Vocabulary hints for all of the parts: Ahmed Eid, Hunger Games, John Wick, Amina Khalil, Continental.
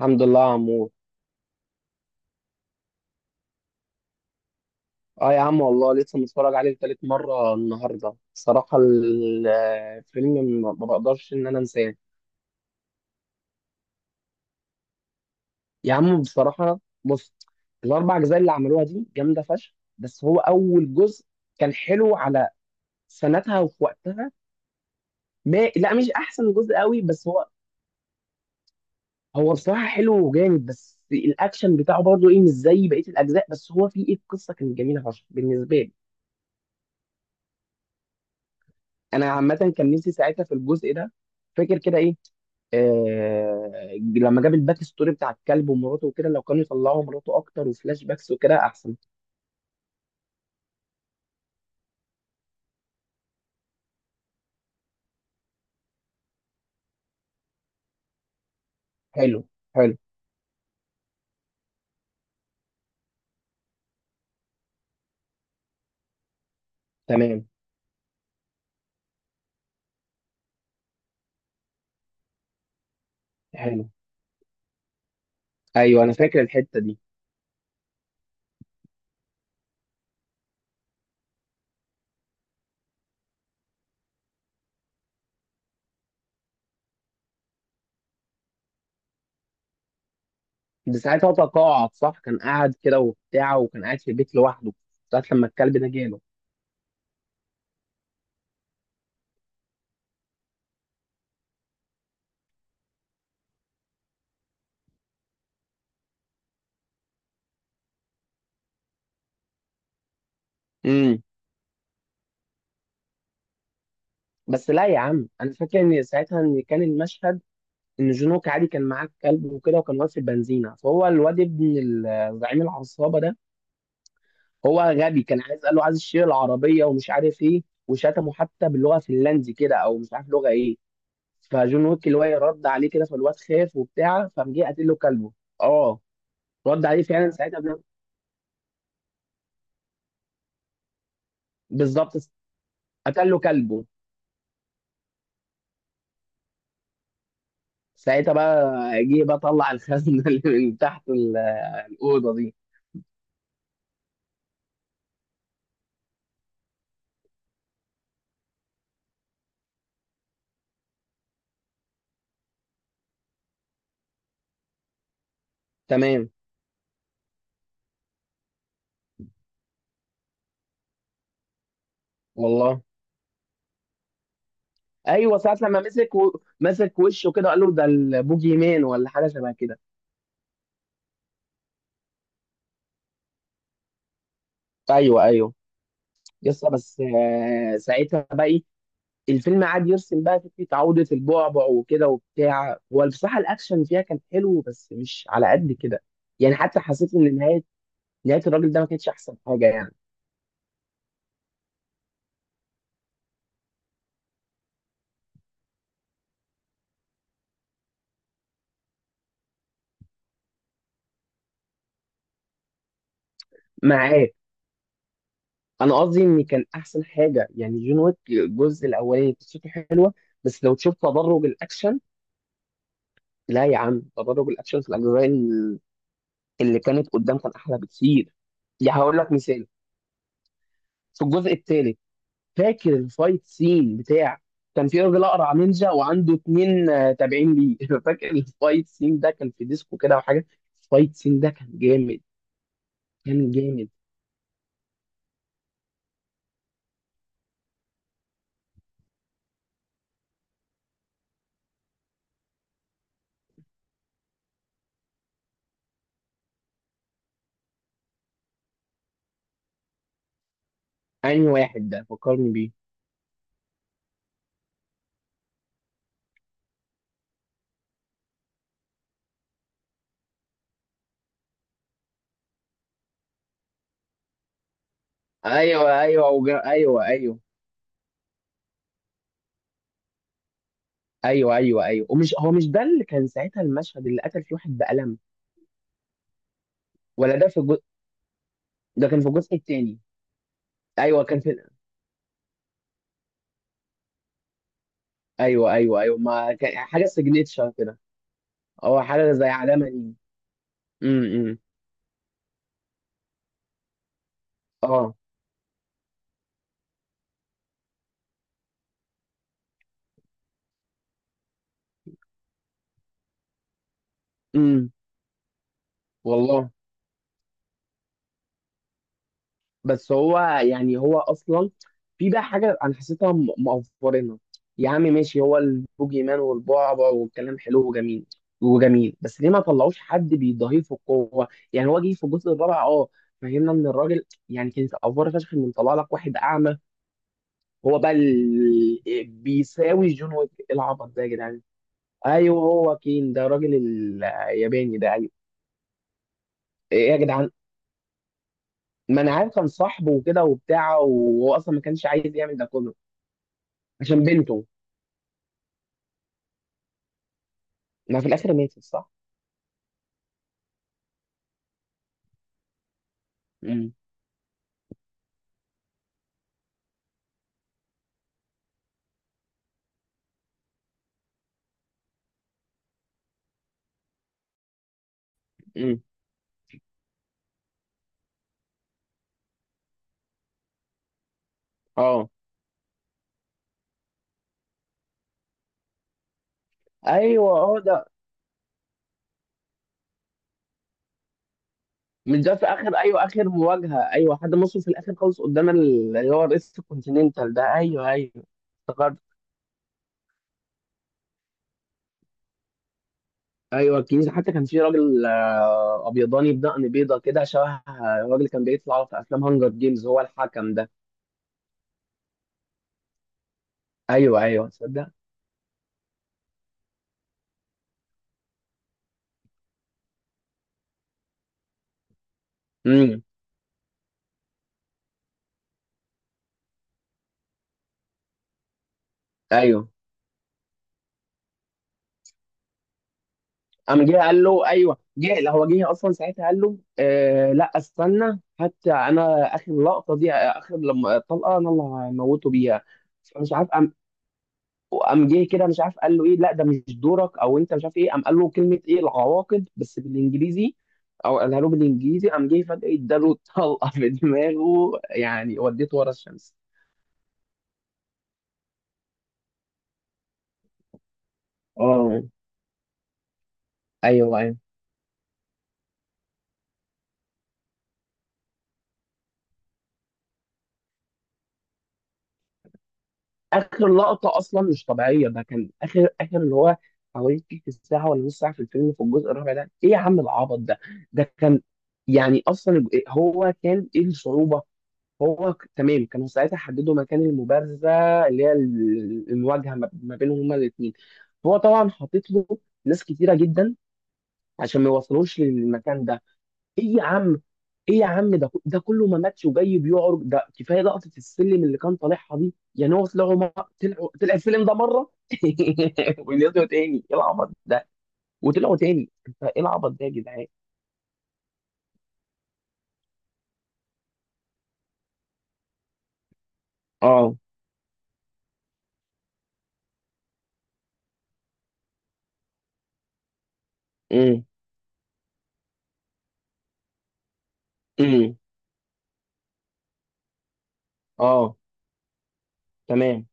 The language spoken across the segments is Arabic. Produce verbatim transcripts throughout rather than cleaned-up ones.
الحمد لله يا عمور. اه يا عم والله لسه متفرج عليه لتالت مرة النهاردة، بصراحة ال- الفيلم ما ما بقدرش ان انا انساه. يا عم بصراحة بص، الاربع اجزاء اللي عملوها دي جامدة فشخ، بس هو اول جزء كان حلو على سنتها وفي وقتها. ما لا، مش احسن جزء قوي، بس هو هو بصراحة حلو وجامد، بس الاكشن بتاعه برضه ايه مش زي بقية الاجزاء، بس هو فيه ايه، القصة كانت جميلة فشخ بالنسبة لي. انا عامه كان نفسي ساعتها في الجزء ده. فاكر كده ايه، آه، لما جاب الباك ستوري بتاع الكلب ومراته وكده، لو كانوا يطلعوا مراته اكتر وفلاش باكس وكده احسن. حلو. حلو. تمام. حلو. ايوه انا فاكر الحته دي. ده ساعتها هو تقاعد صح، كان قاعد كده وبتاع وكان قاعد في البيت لوحده. ساعه لما الكلب ده جاله. امم. بس لا يا عم، انا فاكر ان ساعتها ان كان المشهد ان جون ويك عادي كان معاه الكلب وكده، وكان واقف في البنزينه، فهو الواد ابن ال- زعيم العصابه ده هو غبي، كان عايز قال له عايز الشير العربيه ومش عارف ايه وشتمه حتى باللغه الفنلندي كده او مش عارف لغه ايه. فجون ويك اللي هو إيه رد عليه كده، فالواد خاف وبتاع فقام جه قاتل له كلبه. اه رد عليه فعلا ساعتها بن- بالظبط. قتل له كلبه ساعتها بقى، جه بقى طلع الخزنه اللي من تحت ال- الاوضه دي. تمام. والله. ايوه ساعه لما مسك و... مسك وشه كده قال له ده البوجي مان ولا حاجه شبه كده. ايوه ايوه يسطا بس. آه، ساعتها بقى إيه؟ الفيلم قعد يرسم بقى فكره عوده البعبع وكده وبتاع. هو بصراحه الاكشن فيها كان حلو بس مش على قد كده. يعني حتى حسيت ان نهايه نهايه الراجل ده ما كانتش احسن حاجه يعني. معاك. انا قصدي ان كان احسن حاجه يعني جون ويك الجزء الاولاني قصته حلوه، بس لو تشوف تدرج الاكشن. لا يا عم، تدرج الاكشن في الاجزاء اللي كانت قدام كان احلى بكتير. يعني هقول لك مثال، في الجزء الثالث فاكر الفايت سين بتاع كان في راجل اقرع نينجا وعنده اتنين آه، تابعين ليه. فاكر الفايت سين ده كان في ديسكو كده وحاجه. الفايت سين ده كان جامد، كان جامد. انهي واحد ده فكرني بيه، ايوه ايوه وجا... ايوه ايوه. ايوه ايوه ايوه ومش هو مش ده اللي كان ساعتها المشهد اللي قتل فيه واحد بقلم؟ ولا ده في الجزء. ده كان في الجزء التاني. ايوه كان في ايوه ايوه ايوه، ما كان حاجه سيجنتشر كده او حاجه زي علامه دي. امم. اه. امم. والله. بس هو يعني هو اصلا في بقى حاجه انا حسيتها م- مقفرنا. يا عم ماشي، هو البوجي مان والبعبع والكلام حلو وجميل وجميل، بس ليه ما طلعوش حد بيضاهيه في القوه؟ يعني هو جه في الجزء الرابع اه، فهمنا ان الراجل يعني كانت افوره فشخ ان طلع لك واحد اعمى. هو بقى ال... بيساوي جون ويك؟ إيه العبط ده يا جدعان؟ ايوه هو كين ده الراجل الياباني ده ايوه. ايه يا جدعان، ما انا عارف كان صاحبه وكده وبتاع، وهو اصلا ما كانش عايز يعمل ده كله. عشان بنته. ما في الاخر ماتت صح. امم. امم. اه. ايوه اه ده. مش ده في اخر، ايوه اخر مواجهه، ايوه حد مصر في الاخر خالص قدام ال- اللي هو رئيس الكونتيننتال ده. ايوه ايوه. افتكرت. ايوه الكنيسه، حتى كان في راجل آه، ابيضاني بدقن بيضه كده شبه آه، الراجل اللي كان بيطلع في افلام هانجر جيمز، هو الحكم ده. ايوه ايوه تصدق. امم. ايوه قام جه قال له ايوه جه، لا هو جه اصلا ساعتها قال له آه لا استنى، حتى انا اخر لقطه دي اخر لما الطلقه انا اللي هموته بيها. فمش عارف قام قام جه كده مش عارف قال له ايه، لا ده مش دورك او انت مش عارف ايه، قام قال له كلمه ايه العواقب بس بالانجليزي، او قالها له بالانجليزي، قام جه فجاه اداله طلقه في دماغه يعني وديته ورا الشمس. اه. ايوه ايوه. اخر لقطه اصلا مش طبيعيه، ده كان اخر اخر اللي هو حوالي تلت ساعه ولا نص ساعه في الفيلم في الجزء الرابع ده. ايه يا عم العبط ده؟ ده كان يعني اصلا الج- هو كان ايه الصعوبه؟ هو ك- تمام، كانوا ساعتها حددوا مكان المبارزه اللي هي ال- المواجهه ما ما بينهم هما الاثنين، هو طبعا حاطط له ناس كتيره جدا عشان ما يوصلوش للمكان ده. ايه يا عم، ايه يا عم، ده ده كله ما ماتش وجاي بيعرج، ده كفايه لقطه السلم اللي كان طالعها دي، يعني هو طلعوا م- طلعوا طلع السلم ده مره. ونزلوا تاني، ايه العبط ده؟ وطلعوا تاني، انت ايه العبط ده يا جدعان؟ اه. امم. امم. اه. تمام.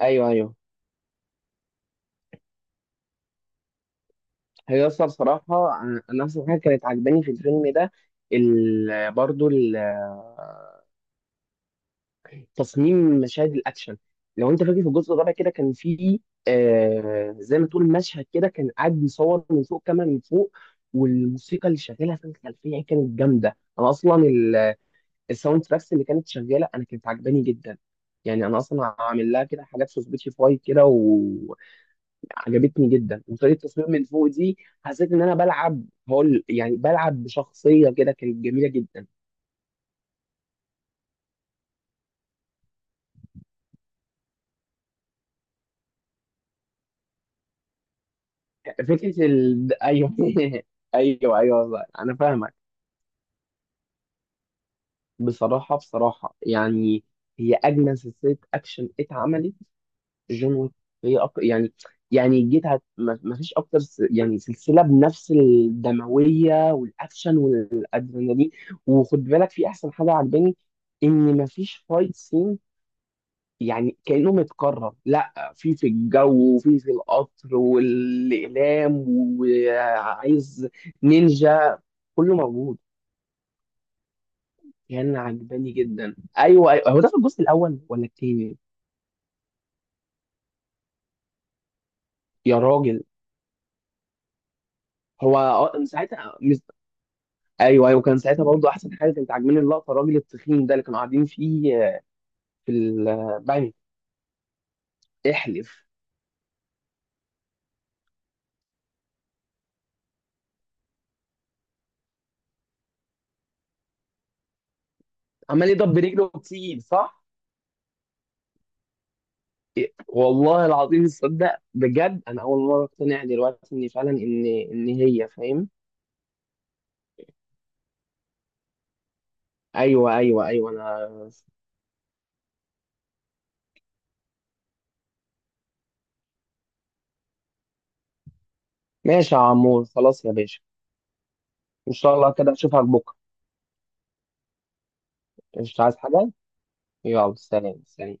ايوه ايوه. هي اصلا صراحه انا أنا اصلا حاجه كانت عجباني في الفيلم ده ال... برضو تصميم مشاهد الاكشن. لو انت فاكر في الجزء الرابع كده كان في آه زي ما تقول مشهد كده كان قاعد بيصور من فوق كاميرا من فوق، والموسيقى اللي شغاله في الخلفيه كانت جامده. انا اصلا ال- الساوند تراكس اللي كانت شغاله انا كانت عجباني جدا. يعني انا اصلا عامل لها كده حاجات في سبوتيفاي كده وعجبتني جدا. وطريقه التصوير من فوق دي حسيت ان انا بلعب، هقول يعني بلعب بشخصيه كده، كانت جميله جدا. فكره ال... ايوه ايوه ايوه انا فاهمك. بصراحة بصراحة يعني هي أجمل سلسلة أكشن اتعملت جون ويك. هي أك... يعني يعني جيت هت... ما ما فيش أكتر س... يعني سلسلة بنفس الدموية والأكشن والأدرينالين. وخد بالك في أحسن حاجة عجباني، إن ما فيش فايت سين يعني كأنه متكرر، لا في في الجو وفي في القطر والإقلام وعايز نينجا، كله موجود. كان عجباني جدا. ايوه ايوه، هو ده في الجزء الاول ولا التاني؟ يا راجل. هو آه، من ساعتها مز... ايوه ايوه كان ساعتها برضه احسن حاجه كانت عاجباني اللقطه الراجل التخين ده اللي كانوا قاعدين فيه آه، في البنك. احلف. عمال يضرب برجله كتير صح؟ إيه، والله العظيم، تصدق بجد انا اول مره اقتنع دلوقتي ان فعلا ان ان هي، فاهم. ايوه ايوه ايوه انا. ماشي يا عمور، خلاص يا باشا، ان شاء الله كده اشوفك بكره. مش عايز حاجه. يلا سلام سلام.